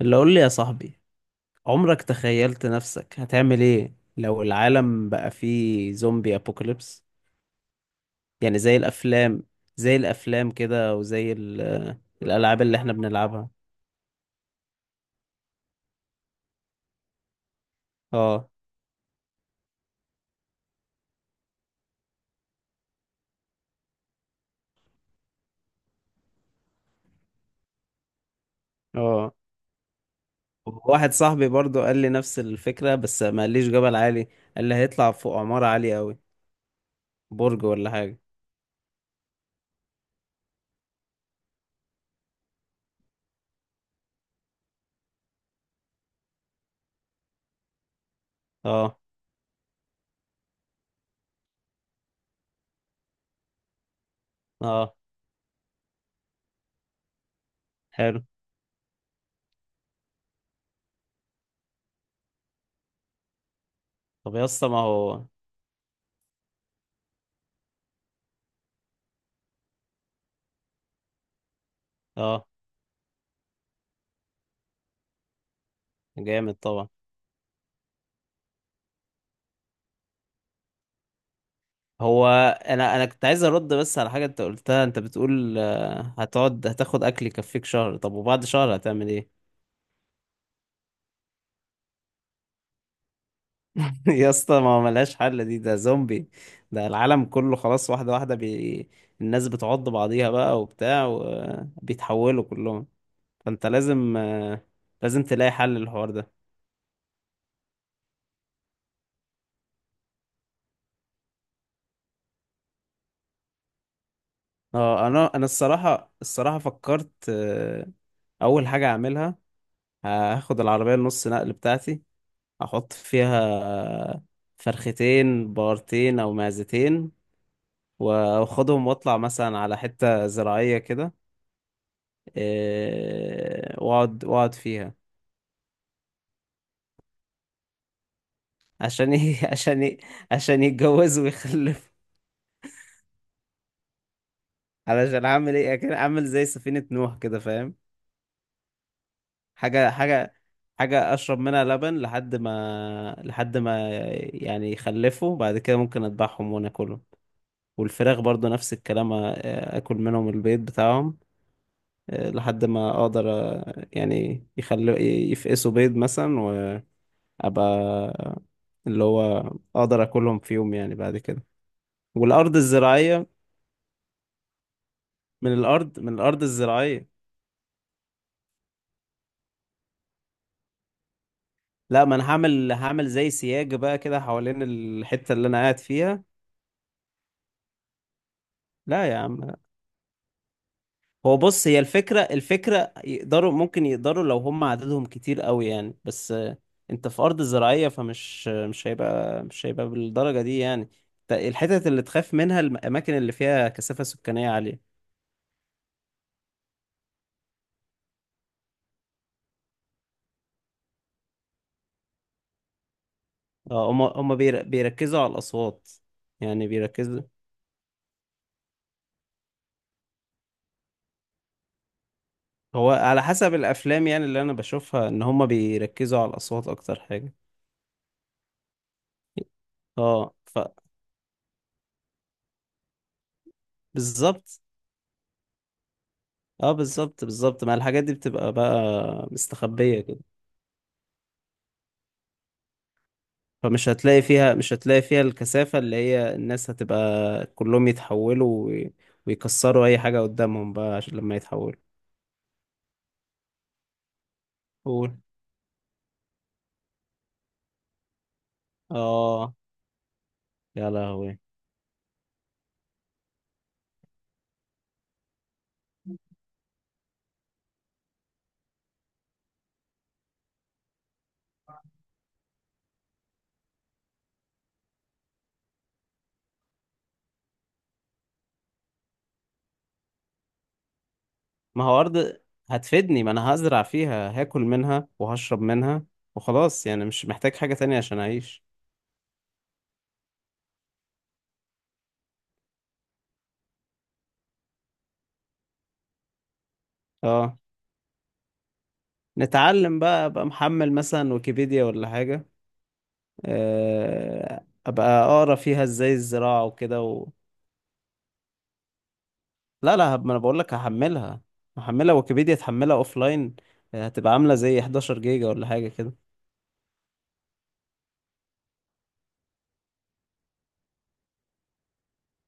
اللي قول لي يا صاحبي، عمرك تخيلت نفسك هتعمل ايه لو العالم بقى فيه زومبي ابوكاليبس؟ يعني زي الافلام. زي الافلام كده وزي الالعاب اللي احنا بنلعبها. اه. اه. واحد صاحبي برضو قال لي نفس الفكرة بس ما قاليش جبل عالي. قال لي هيطلع فوق عمارة عالية قوي، برج ولا حاجة. اه. اه. حلو. طب يا اسطى ما هو. اه. جامد طبعا. هو انا كنت عايز ارد بس على حاجه انت قلتها. انت بتقول هتقعد هتاخد اكل يكفيك شهر. طب وبعد شهر هتعمل ايه؟ يا اسطى ما هو ملهاش حل دي، ده زومبي. ده العالم كله خلاص. واحده واحده الناس بتعض بعضيها بقى وبتاع وبيتحولوا كلهم. فانت لازم، لازم تلاقي حل للحوار ده. اه، انا الصراحه الصراحه فكرت، اول حاجه اعملها، هاخد العربيه النص نقل بتاعتي، احط فيها فرختين بقرتين او معزتين، واخدهم واطلع مثلا على حتة زراعية كده. واقعد فيها. عشان ي... عشان ي... عشان يتجوزوا ويخلفوا. علشان اعمل ايه، اعمل زي سفينة نوح كده، فاهم؟ حاجة حاجة حاجة اشرب منها لبن لحد ما يعني يخلفوا، بعد كده ممكن اذبحهم وناكلهم. والفراخ برضو نفس الكلام، اكل منهم البيض بتاعهم، لحد ما اقدر، يعني يخلوا يفقسوا بيض مثلا. وابقى، اللي هو اقدر اكلهم في يوم يعني بعد كده. والارض الزراعيه. من الارض الزراعيه. لا، ما انا هعمل زي سياج بقى كده حوالين الحته اللي انا قاعد فيها. لا يا عم. هو بص، هي الفكرة يقدروا، ممكن يقدروا لو هم عددهم كتير قوي يعني، بس انت في أرض زراعية، فمش مش هيبقى بالدرجة دي يعني. الحتت اللي تخاف منها الأماكن اللي فيها كثافة سكانية عالية. هم بيركزوا على الأصوات. يعني بيركزوا. هو على حسب الأفلام يعني اللي أنا بشوفها، إن هم بيركزوا على الأصوات أكتر حاجة. اه، بالظبط. اه، بالظبط بالظبط، ما الحاجات دي بتبقى بقى مستخبية كده. فمش هتلاقي فيها، مش هتلاقي فيها الكثافة اللي هي، الناس هتبقى كلهم يتحولوا، ويكسروا أي حاجة قدامهم بقى عشان لما يتحولوا. قول. آه. يا لهوي. ما هو أرض، هتفيدني. ما أنا هزرع فيها، هاكل منها وهشرب منها وخلاص، يعني مش محتاج حاجة تانية عشان أعيش. آه. نتعلم بقى، أبقى محمل مثلا ويكيبيديا ولا حاجة. أبقى أقرأ فيها إزاي الزراعة وكده. لا لا، ما انا بقول لك هحملها. ويكيبيديا تحملها اوف لاين، هتبقى عامله زي 11 جيجا ولا حاجه كده.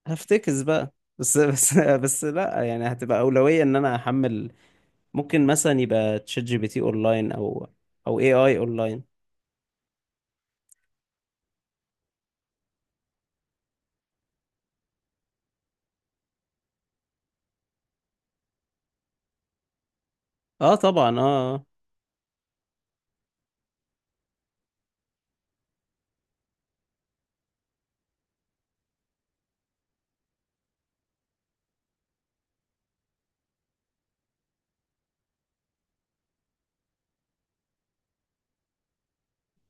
هفتكس بقى، بس بس لا يعني، هتبقى اولويه ان انا احمل. ممكن مثلا يبقى تشات جي بي تي اونلاين، او اي اونلاين. اه طبعا، اه.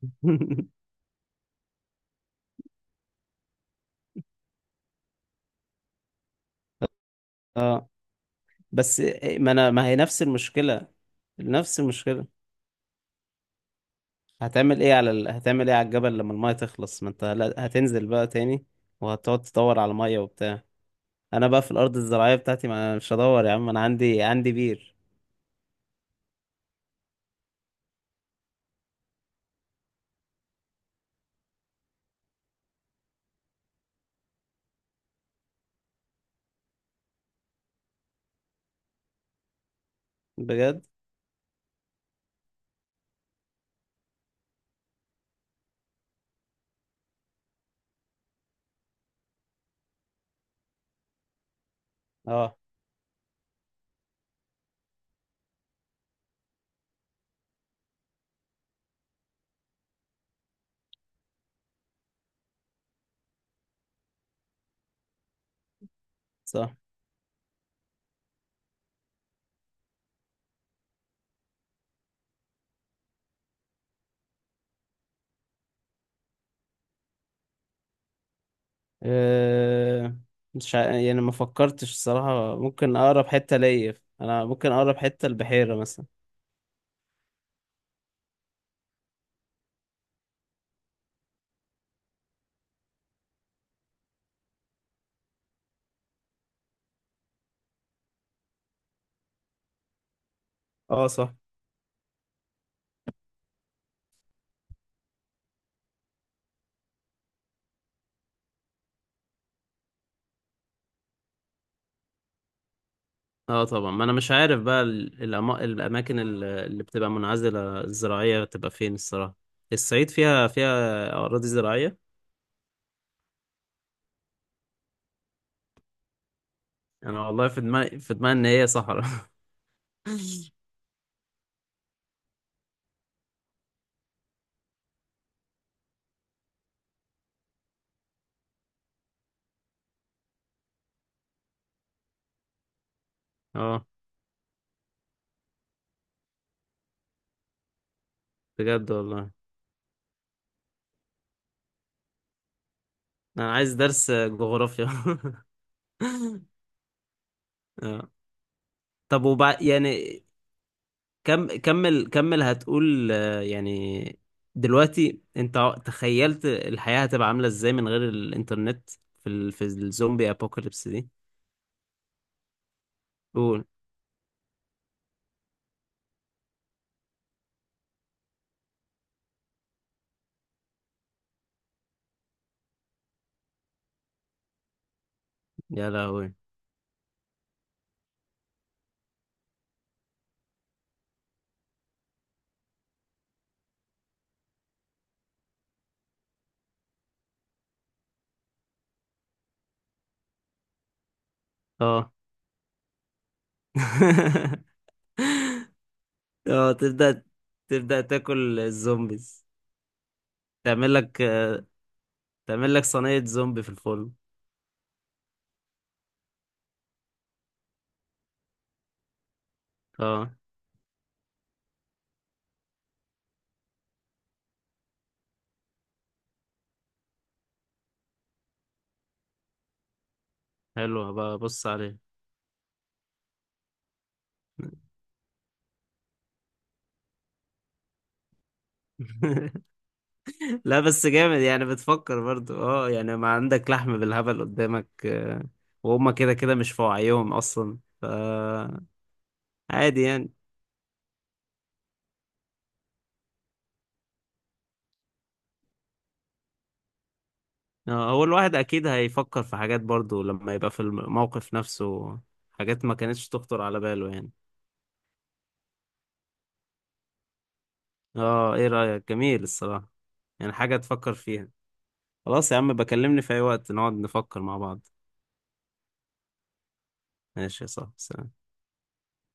اه بس ما انا، ما هي نفس المشكله. نفس المشكله هتعمل ايه على هتعمل ايه على الجبل لما المايه تخلص؟ ما انت، هتنزل بقى تاني، وهتقعد تدور على ميه وبتاع. انا بقى في الارض الزراعيه بتاعتي، ما أنا مش هدور يا عم، انا عندي بير. بجد. اه، صح. أه... مش ع... يعني ما فكرتش الصراحه ممكن اقرب حته ليا. انا ممكن اقرب حته البحيره مثلا. اه، صح. اه طبعا، ما انا مش عارف بقى الاماكن اللي بتبقى منعزله الزراعيه بتبقى فين الصراحه. الصعيد فيها اراضي زراعيه. انا والله في دماغي ان هي صحراء. اه، بجد والله. انا عايز درس جغرافيا. اه. طب وبعد يعني. كم كمل كمل. هتقول، يعني دلوقتي انت تخيلت الحياة هتبقى عاملة ازاي من غير الانترنت في في الزومبي ابوكاليبس دي؟ قول. يا لهوي. اه. اه، تبدأ تاكل الزومبيز. تعمل لك تعمل لك صينية زومبي في الفرن. اه، حلو، هبقى ابص عليه. لا بس جامد يعني، بتفكر برضو اه يعني، ما عندك لحم بالهبل قدامك، وهم كده كده مش في وعيهم اصلا عادي يعني. هو الواحد اكيد هيفكر في حاجات برضو لما يبقى في الموقف نفسه، حاجات ما كانتش تخطر على باله يعني. اه، ايه رأيك؟ جميل الصراحة. يعني حاجة تفكر فيها. خلاص يا عم، بكلمني في اي وقت نقعد نفكر مع بعض. ماشي يا صاحبي، سلام.